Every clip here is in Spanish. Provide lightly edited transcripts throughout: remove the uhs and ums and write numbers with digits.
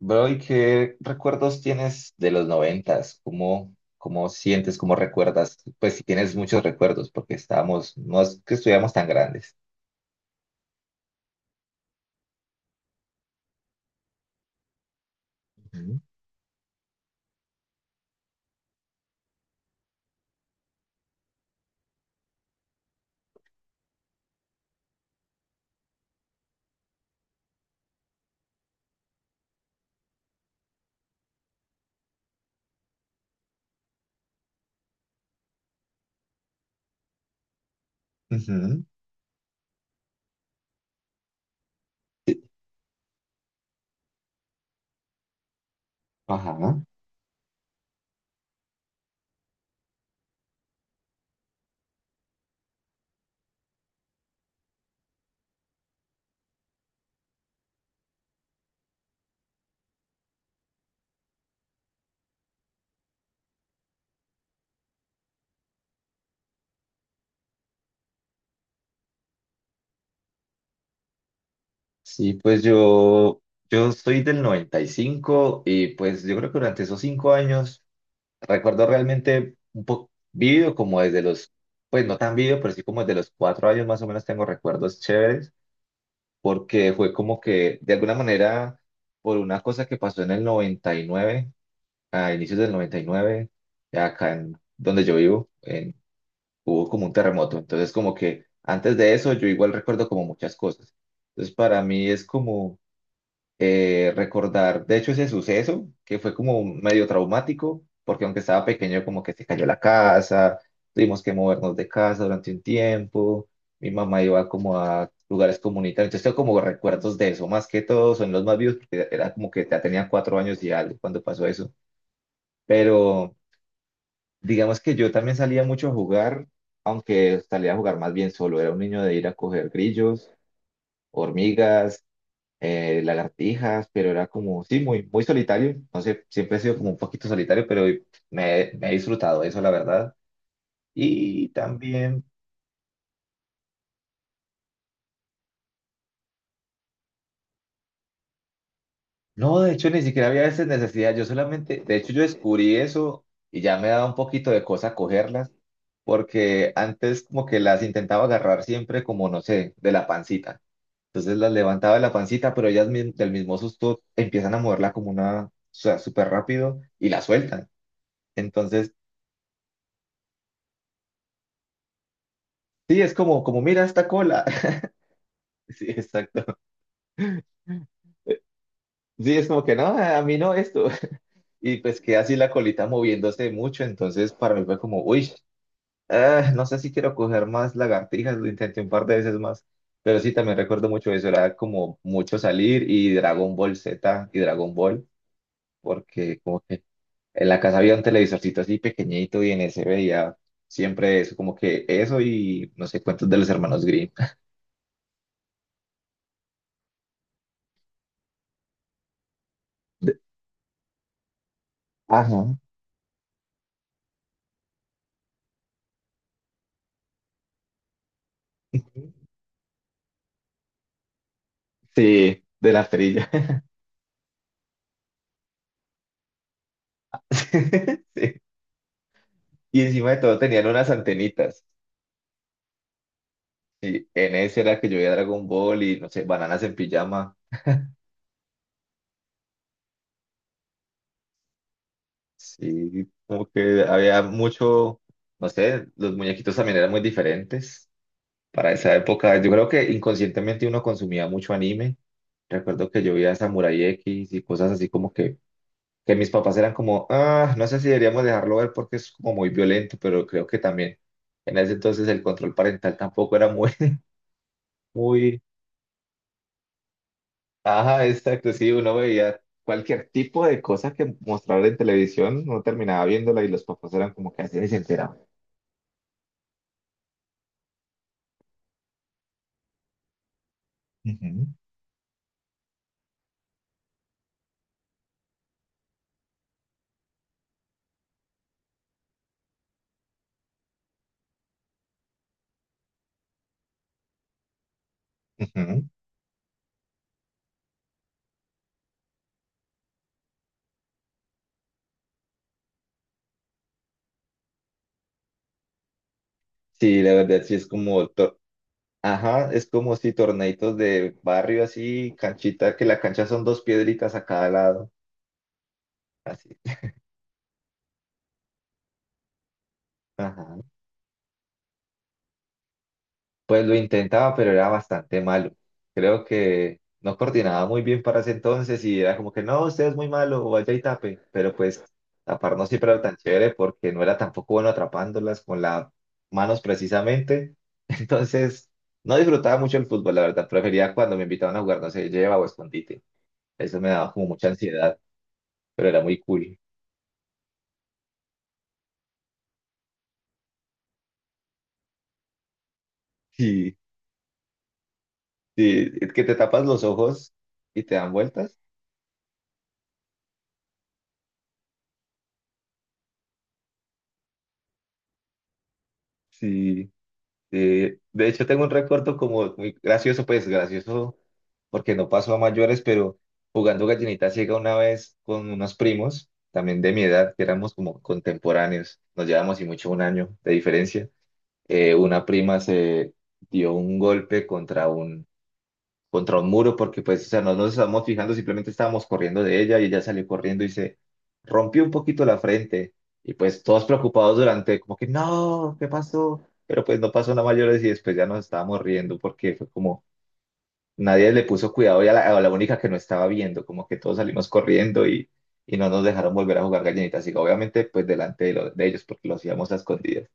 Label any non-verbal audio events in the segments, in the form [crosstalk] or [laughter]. Bro, ¿y qué recuerdos tienes de los noventas? ¿Cómo sientes, cómo recuerdas? Pues si tienes muchos recuerdos, porque estábamos, no es que estuviéramos tan grandes. Ujú. Ujú. Ajá. Sí, pues yo soy del 95 y cinco y pues yo creo que durante esos 5 años recuerdo realmente un poco vivido como desde los, pues no tan vivido, pero sí como desde los 4 años más o menos tengo recuerdos chéveres, porque fue como que, de alguna manera, por una cosa que pasó en el noventa y nueve, a inicios del 99 acá en donde yo vivo, hubo como un terremoto. Entonces, como que antes de eso, yo igual recuerdo como muchas cosas. Entonces, para mí es como recordar, de hecho, ese suceso que fue como medio traumático, porque aunque estaba pequeño, como que se cayó la casa, tuvimos que movernos de casa durante un tiempo, mi mamá iba como a lugares comunitarios, entonces tengo como recuerdos de eso, más que todo son los más vivos, porque era como que ya tenía 4 años y algo cuando pasó eso, pero digamos que yo también salía mucho a jugar, aunque salía a jugar más bien solo, era un niño de ir a coger grillos, hormigas, lagartijas, pero era como, sí, muy, muy solitario. No sé, siempre he sido como un poquito solitario, pero me he disfrutado eso, la verdad. Y también, no, de hecho, ni siquiera había veces necesidad. Yo solamente, de hecho, yo descubrí eso y ya me daba un poquito de cosa cogerlas, porque antes como que las intentaba agarrar siempre como, no sé, de la pancita. Entonces las levantaba de la pancita, pero ellas del mismo susto empiezan a moverla como una, o sea, súper rápido y la sueltan. Entonces sí, es como mira esta cola. [laughs] Sí, exacto. Sí, es como que no, a mí no esto. [laughs] Y pues que así la colita moviéndose mucho, entonces para mí fue como, uy, ah, no sé si quiero coger más lagartijas, lo intenté un par de veces más, pero sí, también recuerdo mucho eso, era como mucho salir y Dragon Ball Z y Dragon Ball, porque como que en la casa había un televisorcito así pequeñito y en ese veía siempre eso, como que eso y no sé cuántos de los hermanos Grimm. Ajá. Sí, de la estrella. [laughs] Sí. Y encima de todo tenían unas antenitas. Y en ese era que yo veía Dragon Ball y, no sé, bananas en pijama. Sí, como que había mucho, no sé, los muñequitos también eran muy diferentes para esa época. Yo creo que inconscientemente uno consumía mucho anime. Recuerdo que yo veía Samurai X y cosas así como que mis papás eran como, ah, no sé si deberíamos dejarlo ver porque es como muy violento, pero creo que también en ese entonces el control parental tampoco era muy... [laughs] Uy, ajá, exacto, sí, uno veía cualquier tipo de cosa que mostraban en televisión, uno terminaba viéndola y los papás eran como que así ni se enteraban. Ujú, ujú. Sí, la verdad, sí es ajá, es como si torneitos de barrio así, canchita, que la cancha son dos piedritas a cada lado, así. Ajá. Pues lo intentaba, pero era bastante malo. Creo que no coordinaba muy bien para ese entonces y era como que no, usted es muy malo o vaya y tape. Pero pues tapar no siempre era tan chévere porque no era tampoco bueno atrapándolas con las manos precisamente. [laughs] Entonces no disfrutaba mucho el fútbol, la verdad. Prefería cuando me invitaban a jugar, no sé, lleva o escondite. Eso me daba como mucha ansiedad, pero era muy cool. [laughs] Y, y que te tapas los ojos y te dan vueltas. Sí. Sí, de hecho, tengo un recuerdo como muy gracioso, pues gracioso, porque no pasó a mayores, pero jugando gallinita ciega una vez con unos primos, también de mi edad, que éramos como contemporáneos, nos llevamos y mucho un año de diferencia. Eh, una prima se dio un golpe contra un muro porque pues, o sea, no nos estábamos fijando, simplemente estábamos corriendo de ella y ella salió corriendo y se rompió un poquito la frente y pues todos preocupados durante como que no, ¿qué pasó? Pero pues no pasó nada mayores y después ya nos estábamos riendo porque fue como nadie le puso cuidado y a la única que no estaba viendo, como que todos salimos corriendo y no nos dejaron volver a jugar gallinitas, así que obviamente pues delante de ellos porque lo hacíamos a escondidas.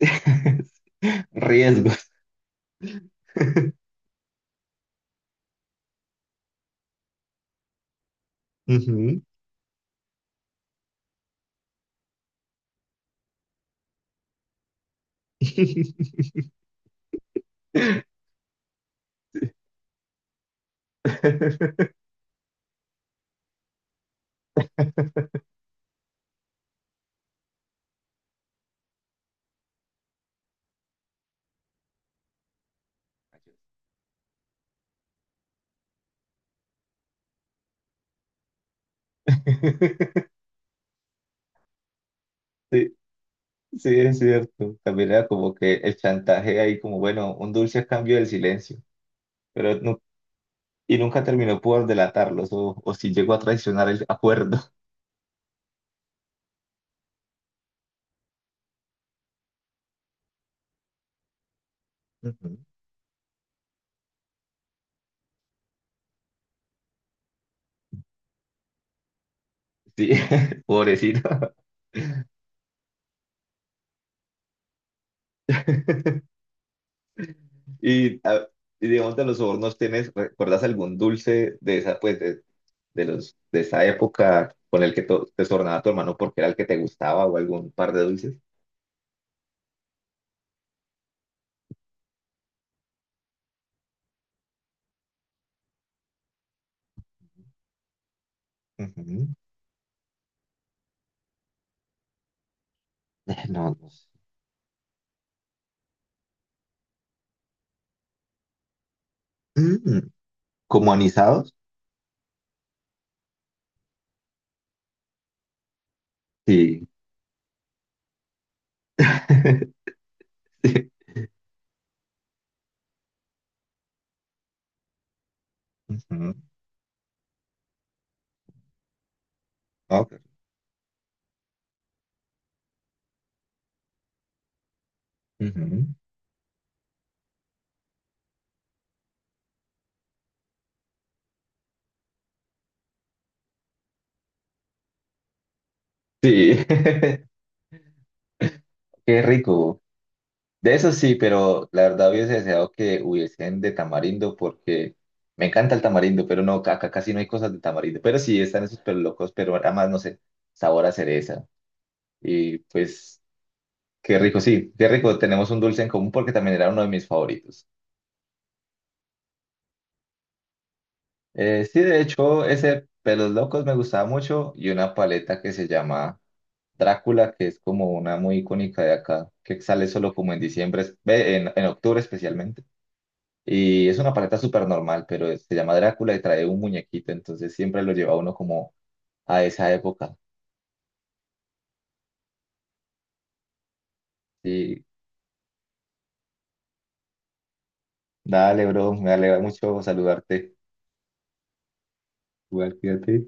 [laughs] Riesgos. Ujú. [laughs] [laughs] Sí, sí, es cierto. También era como que el chantaje ahí, como bueno, un dulce a cambio del silencio, pero y nunca terminó por delatarlos o si llegó a traicionar el acuerdo. Ujú. Sí, [laughs] pobrecito. [laughs] Y, a- y digamos de los sobornos, ¿tienes, recuerdas algún dulce de esa, pues, de los, de esa época con el que te sobornaba tu hermano porque era el que te gustaba o algún par de dulces? Ujú. No, no sé. Mm, ¿como anisados? Sí. [laughs] Ujú. Ah, pero... ujú. Sí, [laughs] qué rico. De eso sí, pero la verdad hubiese deseado que hubiesen de tamarindo porque me encanta el tamarindo, pero no, acá casi no hay cosas de tamarindo. Pero sí, están esos pero locos, pero además, no sé, sabor a cereza. Y pues, qué rico, sí, qué rico. Tenemos un dulce en común porque también era uno de mis favoritos. Sí, de hecho, ese pelos locos me gustaba mucho y una paleta que se llama Drácula, que es como una muy icónica de acá, que sale solo como en diciembre, en octubre especialmente. Y es una paleta súper normal, pero se llama Drácula y trae un muñequito, entonces siempre lo lleva uno como a esa época. Y dale, bro, me alegra mucho saludarte. Igual, cuídate.